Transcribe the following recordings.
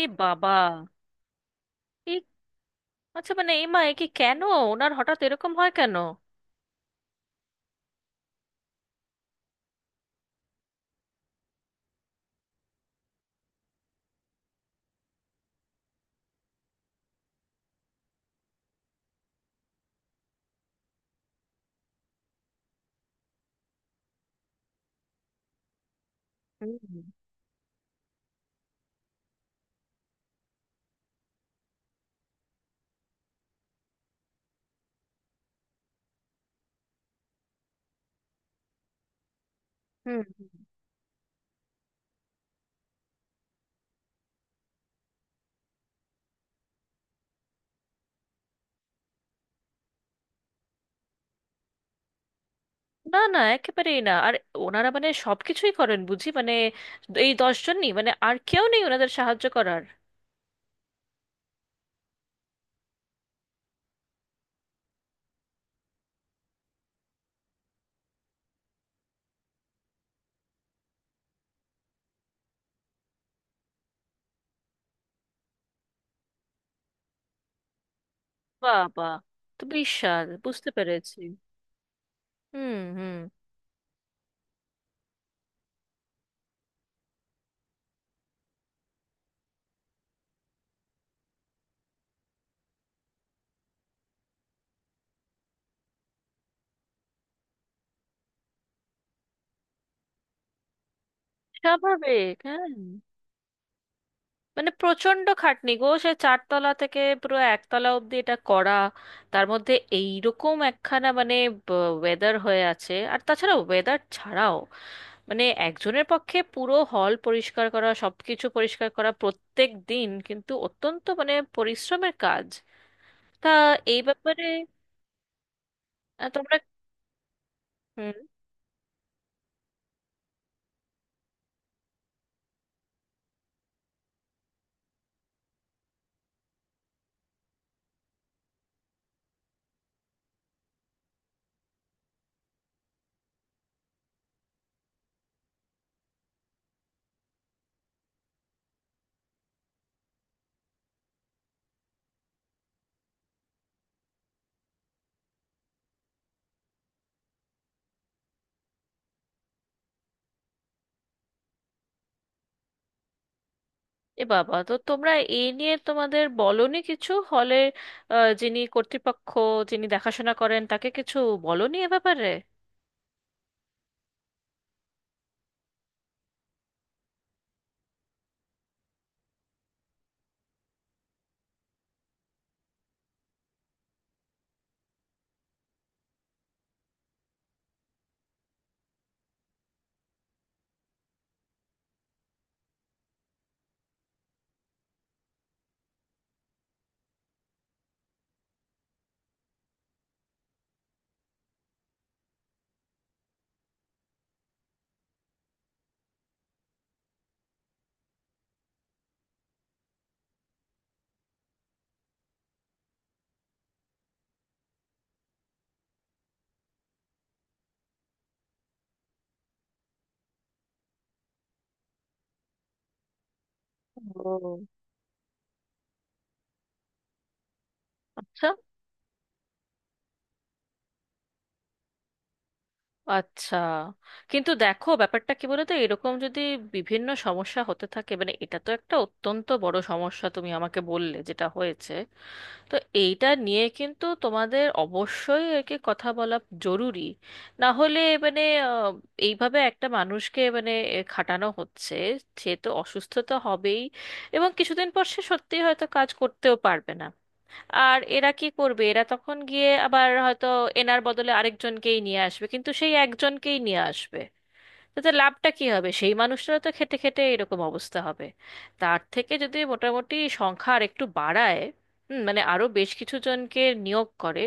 এ বাবা। এ, আচ্ছা, মানে এমা, এ কি কেন ওনার হঠাৎ এরকম হয় কেন? হুম হুম না না, একেবারেই না। আর ওনারা মানে সবকিছুই করেন বুঝি? মানে এই দশজনই, মানে আর কেউ নেই ওনাদের সাহায্য করার? বাবা, তো বিশাল, বুঝতে পেরেছি। হুম হুম স্বাভাবিক, হ্যাঁ। মানে প্রচন্ড খাটনি গো, সে চারতলা থেকে পুরো একতলা অবধি এটা করা, তার মধ্যে এইরকম একখানা মানে ওয়েদার হয়ে আছে, আর তাছাড়া ওয়েদার ছাড়াও মানে একজনের পক্ষে পুরো হল পরিষ্কার করা, সবকিছু পরিষ্কার করা প্রত্যেক দিন কিন্তু অত্যন্ত মানে পরিশ্রমের কাজ। তা এই ব্যাপারে তোমরা। হুম। এ বাবা, তো তোমরা এই নিয়ে তোমাদের বলনি কিছু হলে যিনি কর্তৃপক্ষ, যিনি দেখাশোনা করেন তাকে কিছু বলনি এ ব্যাপারে? ও আচ্ছা। আচ্ছা, কিন্তু দেখো ব্যাপারটা কি বলতো, এরকম যদি বিভিন্ন সমস্যা হতে থাকে, মানে এটা তো একটা অত্যন্ত বড় সমস্যা তুমি আমাকে বললে যেটা হয়েছে। তো এইটা নিয়ে কিন্তু তোমাদের অবশ্যই একে কথা বলা জরুরি। না হলে মানে আহ, এইভাবে একটা মানুষকে মানে এ, খাটানো হচ্ছে, সে তো অসুস্থ তো হবেই, এবং কিছুদিন পর সে সত্যিই হয়তো কাজ করতেও পারবে না। আর এরা কি করবে, এরা তখন গিয়ে আবার হয়তো এনার বদলে আরেকজনকেই নিয়ে আসবে, কিন্তু সেই একজনকেই নিয়ে আসবে। তাতে লাভটা কি হবে, সেই মানুষটারও তো খেতে খেতে এরকম অবস্থা হবে। তার থেকে যদি মোটামুটি সংখ্যা আর একটু বাড়ায়, মানে আরো বেশ কিছু জনকে নিয়োগ করে,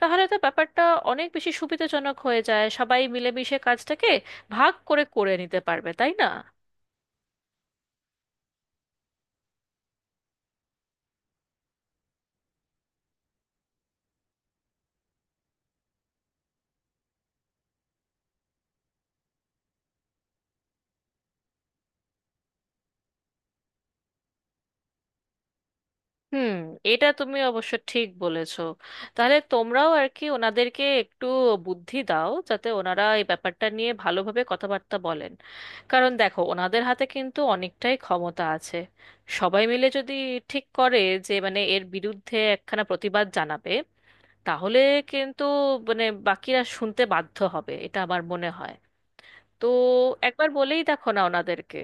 তাহলে তো ব্যাপারটা অনেক বেশি সুবিধাজনক হয়ে যায়, সবাই মিলেমিশে কাজটাকে ভাগ করে করে নিতে পারবে তাই না? হুম। এটা তুমি অবশ্য ঠিক বলেছো। তাহলে তোমরাও আর কি ওনাদেরকে একটু বুদ্ধি দাও যাতে ওনারা এই ব্যাপারটা নিয়ে ভালোভাবে কথাবার্তা বলেন। কারণ দেখো ওনাদের হাতে কিন্তু অনেকটাই ক্ষমতা আছে। সবাই মিলে যদি ঠিক করে যে মানে এর বিরুদ্ধে একখানা প্রতিবাদ জানাবে, তাহলে কিন্তু মানে বাকিরা শুনতে বাধ্য হবে, এটা আমার মনে হয়। তো একবার বলেই দেখো না ওনাদেরকে।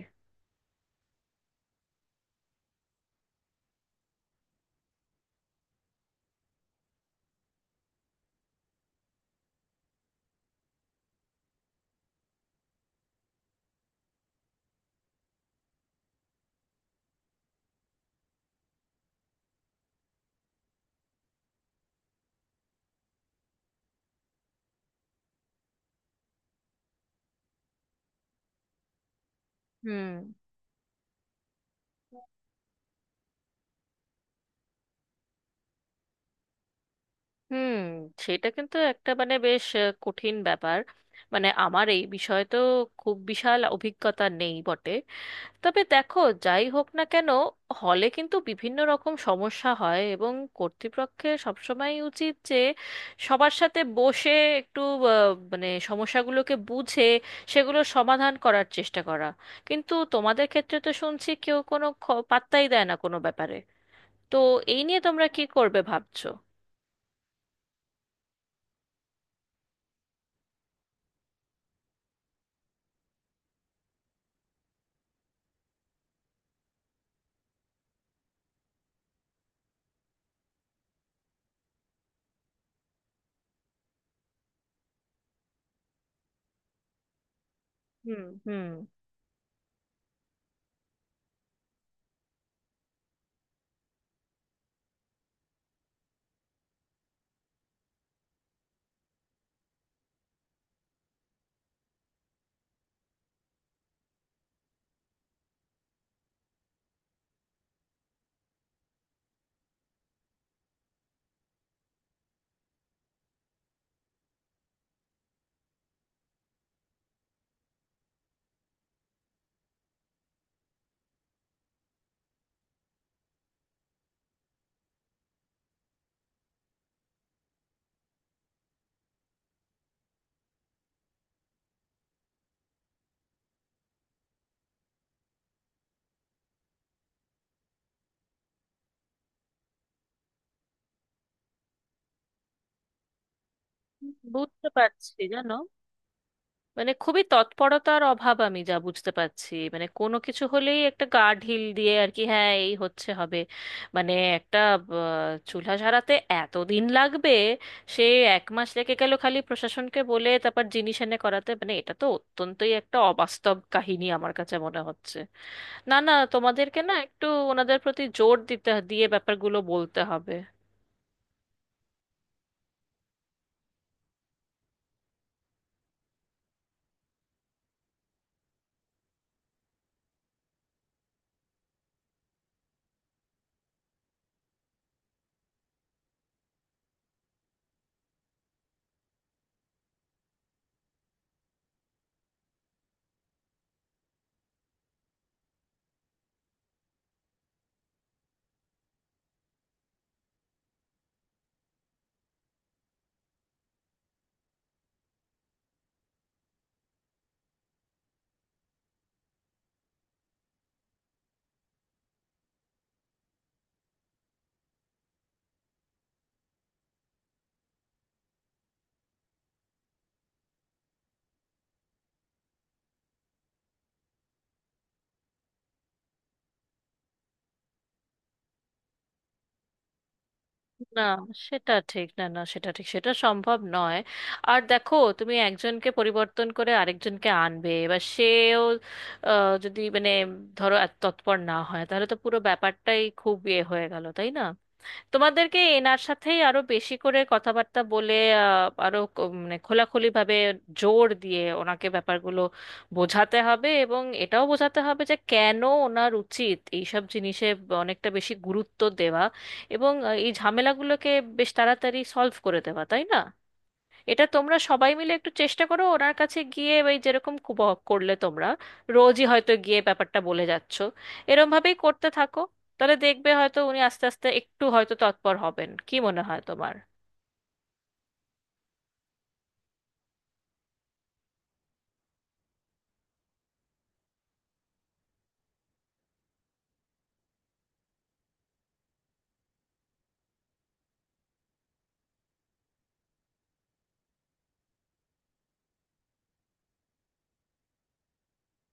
হুম হুম সেটা কিন্তু একটা মানে বেশ কঠিন ব্যাপার। মানে আমার এই বিষয়ে তো খুব বিশাল অভিজ্ঞতা নেই বটে, তবে দেখো যাই হোক না কেন, হলে কিন্তু বিভিন্ন রকম সমস্যা হয় এবং কর্তৃপক্ষের সবসময় উচিত যে সবার সাথে বসে একটু মানে সমস্যাগুলোকে বুঝে সেগুলো সমাধান করার চেষ্টা করা। কিন্তু তোমাদের ক্ষেত্রে তো শুনছি কেউ কোনো পাত্তাই দেয় না কোনো ব্যাপারে। তো এই নিয়ে তোমরা কি করবে ভাবছো? হুম হুম বুঝতে পারছি জানো, মানে খুবই তৎপরতার অভাব আমি যা বুঝতে পারছি, মানে কোনো কিছু হলেই একটা গা ঢিল দিয়ে আর কি, হ্যাঁ এই হচ্ছে হবে। মানে একটা আহ, চুলা সারাতে এত দিন লাগবে, সে এক মাস লেগে গেল খালি প্রশাসনকে বলে তারপর জিনিস এনে করাতে, মানে এটা তো অত্যন্তই একটা অবাস্তব কাহিনী আমার কাছে মনে হচ্ছে। না না, তোমাদেরকে না একটু ওনাদের প্রতি জোর দিতে দিয়ে ব্যাপারগুলো বলতে হবে। না সেটা ঠিক না, না সেটা ঠিক, সেটা সম্ভব নয়। আর দেখো তুমি একজনকে পরিবর্তন করে আরেকজনকে আনবে, এবার সেও যদি মানে ধরো এত তৎপর না হয় তাহলে তো পুরো ব্যাপারটাই খুব ইয়ে হয়ে গেল তাই না? তোমাদেরকে এনার সাথেই আরো বেশি করে কথাবার্তা বলে, আরো মানে খোলাখুলি ভাবে, জোর দিয়ে ওনাকে ব্যাপারগুলো বোঝাতে হবে এবং এটাও বোঝাতে হবে যে কেন ওনার উচিত এইসব জিনিসে অনেকটা বেশি গুরুত্ব দেওয়া, এবং এই ঝামেলাগুলোকে বেশ তাড়াতাড়ি সলভ করে দেওয়া তাই না? এটা তোমরা সবাই মিলে একটু চেষ্টা করো ওনার কাছে গিয়ে। ওই যেরকম করলে তোমরা রোজই হয়তো গিয়ে ব্যাপারটা বলে যাচ্ছ, এরম ভাবেই করতে থাকো। তাহলে দেখবে হয়তো উনি আস্তে আস্তে একটু হয়তো তৎপর হবেন, কি মনে হয় তোমার?